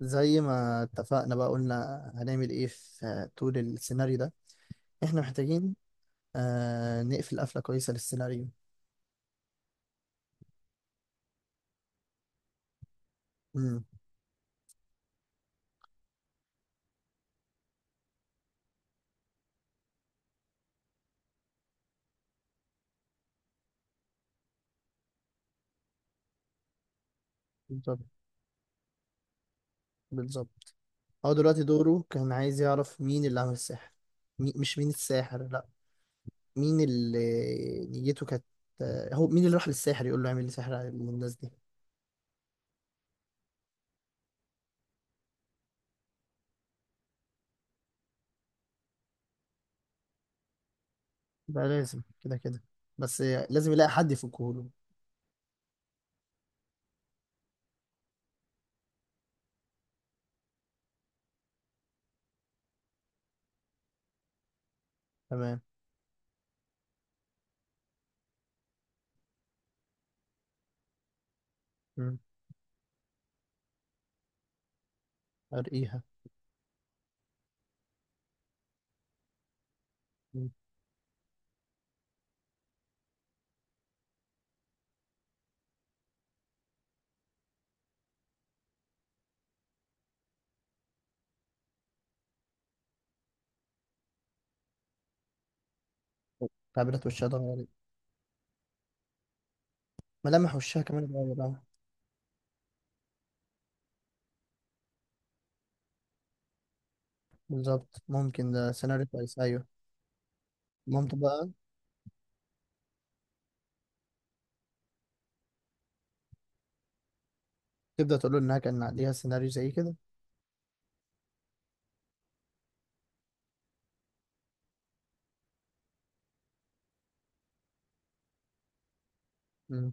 زي ما اتفقنا بقى قلنا هنعمل ايه في طول السيناريو ده. احنا محتاجين نقفل قفلة كويسة للسيناريو. امم. بالظبط، بالظبط. هو دلوقتي دوره كان عايز يعرف مين اللي عمل السحر. مش مين الساحر، لا. مين اللي نيته كانت هو مين اللي راح للساحر يقول له اعمل لي سحر على الناس دي. ده لازم كده كده. بس لازم يلاقي حد يفكه له. تمام. امم. ارقيها. مم. تعبيرات وشها اتغيرت. ملامح وشها كمان اتغيرت. بالظبط، ممكن ده سيناريو كويس، ايوه. مامته بقى تبدأ تقول له انها كان عليها سيناريو زي كده. مم.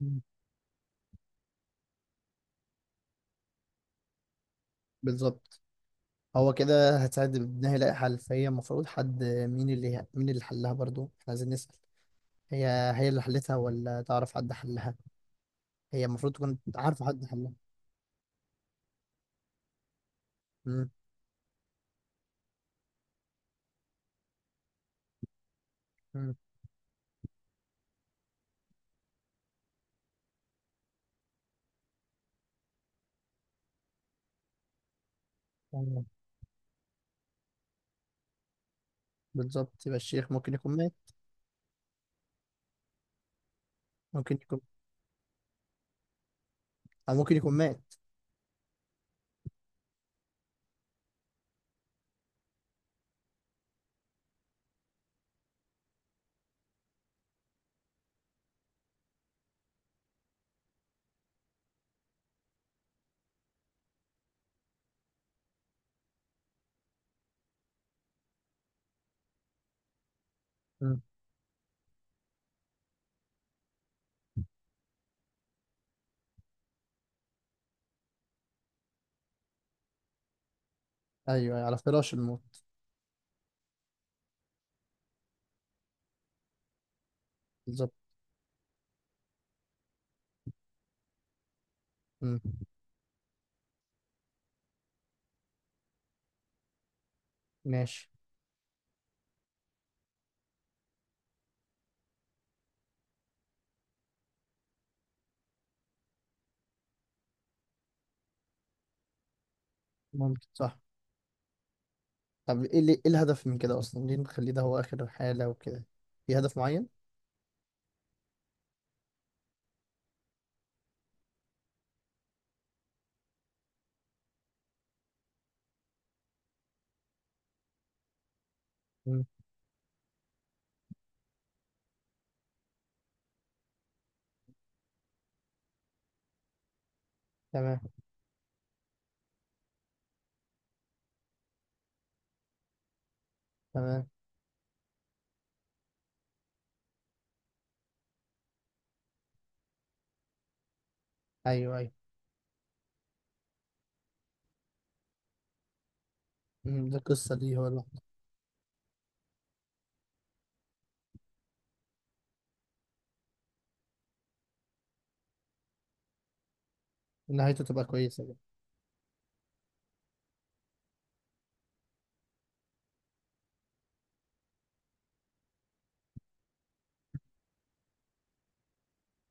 مم. بالظبط. هو كده هتساعد ابنها يلاقي حل، فهي المفروض حد، مين اللي حلها، برضو احنا عايزين نسأل. هي هي اللي حلتها ولا تعرف حد حلها؟ هي المفروض تكون عارفة حد حلها. مم. مم. أيوة. بالظبط، يبقى الشيخ ممكن يكون مات. ممكن يكون، او ممكن يكون مات. مم. ايوه، على فراش الموت. بالظبط. مم. ماشي. ممكن، صح. طب ايه الهدف من كده اصلا؟ ليه نخليه ده هو اخر حالة وكده؟ في هدف معين؟ مم. تمام، تمام. ايوه، ايوه. مم. ده القصة دي نهايته تبقى كويسة بقى.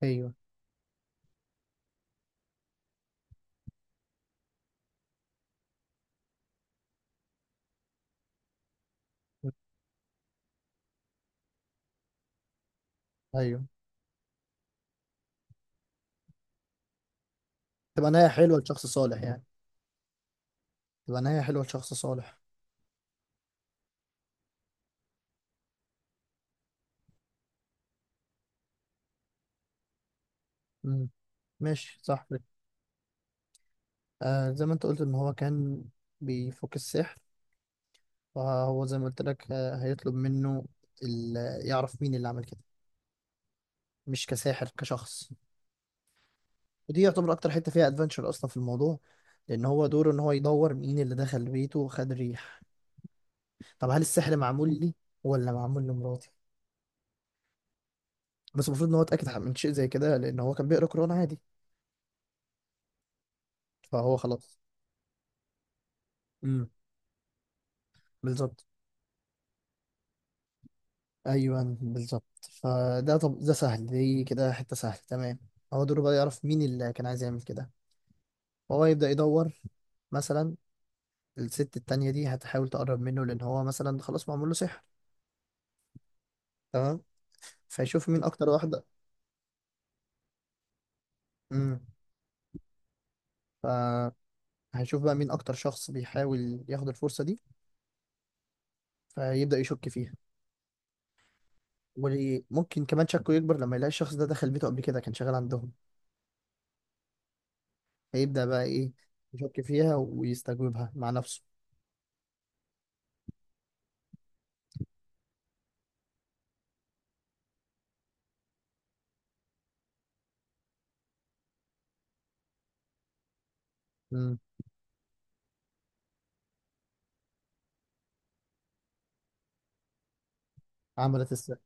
ايوه. مم. ايوه. تبقى نهاية حلوة لشخص صالح يعني. تبقى نهاية حلوة لشخص صالح. مم. ماشي، صح. زي ما انت قلت ان هو كان بيفك السحر. فهو زي ما قلت لك، هيطلب منه ال- يعرف مين اللي عمل كده. مش كساحر، كشخص. ودي يعتبر اكتر حته فيها ادفنتشر اصلا في الموضوع، لان هو دوره ان هو يدور مين اللي دخل بيته وخد ريح. طب هل السحر معمول لي ولا معمول لمراتي؟ بس المفروض ان هو اتاكد من شيء زي كده، لان هو كان بيقرا قران عادي. فهو خلاص. امم. بالظبط. ايوه، بالظبط. طب ده سهل، دي كده حته سهله، تمام. هو دوره بقى يعرف مين اللي كان عايز يعمل كده. فهو يبدا يدور، مثلا. الست التانية دي هتحاول تقرب منه، لان هو مثلا خلاص معمول له سحر. تمام. فيشوف مين اكتر واحده. امم. ف هنشوف بقى مين اكتر شخص بيحاول ياخد الفرصه دي. فيبدا يشك فيها. وممكن كمان شكه يكبر لما يلاقي الشخص ده دخل بيته قبل كده، كان شغال عندهم. هيبدا بقى ايه، يشك فيها ويستجوبها مع نفسه. امم. عملت السر.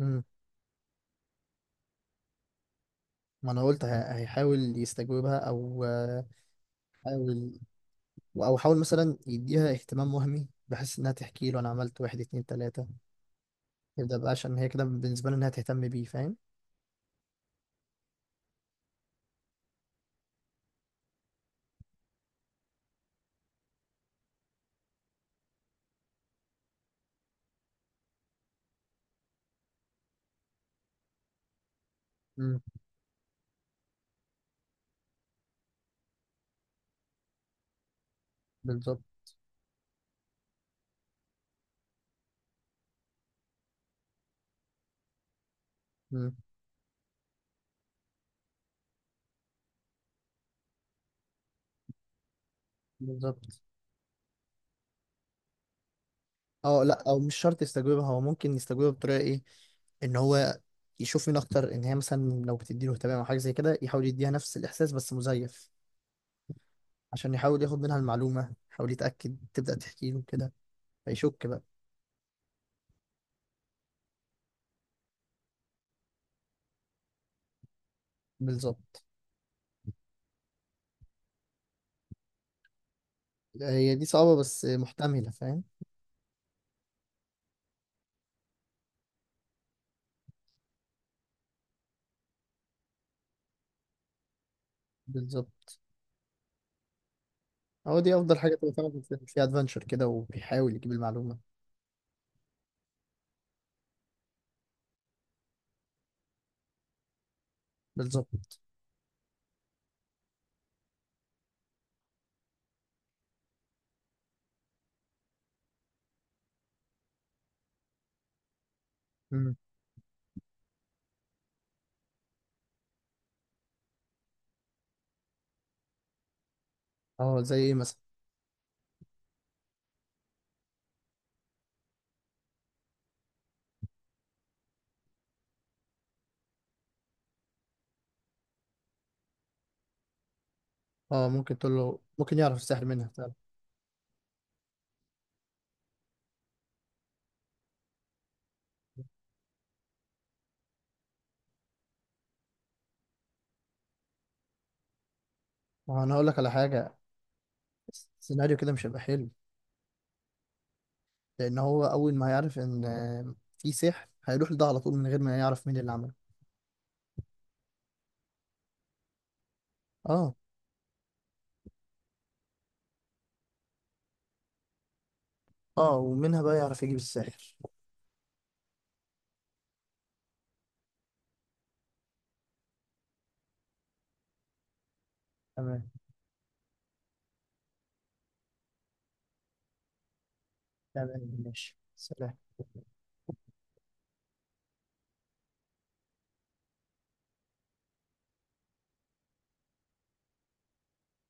امم. ما انا قلت، هيحاول يستجوبها او حاول. او حاول مثلا يديها اهتمام وهمي بحيث انها تحكي له، انا عملت واحد اتنين تلاته. يبدا بقى عشان هي كده بالنسبه له انها تهتم بيه، فاهم. امم. بالظبط. امم. بالظبط. اه، لا، او مش شرط يستجوبها. هو ممكن يستجوبها بطريقه ايه، ان هو يشوف مين اكتر، ان هي مثلا لو بتديله اهتمام او حاجه زي كده، يحاول يديها نفس الاحساس بس مزيف، عشان يحاول ياخد منها المعلومه، يحاول يتاكد، تبدا تحكي له كده، فيشك بقى. بالظبط. هي دي صعبه بس محتمله، فاهم. بالظبط. هو دي افضل حاجه تبقى فعلا في الفيلم فيها ادفنتشر كده، وبيحاول يجيب المعلومه. بالظبط. امم. اه، زي ايه مثلا؟ اه، ممكن تقول له ممكن يعرف السحر منها فعلا. ما هو انا هقول لك على حاجه. السيناريو كده مش هيبقى حلو. لان هو اول ما يعرف ان في سحر، هيروح لده على طول من غير ما يعرف مين اللي عمله. اه، اه، ومنها بقى يعرف يجيب الساحر. تمام. تمام، ماشي، سلام.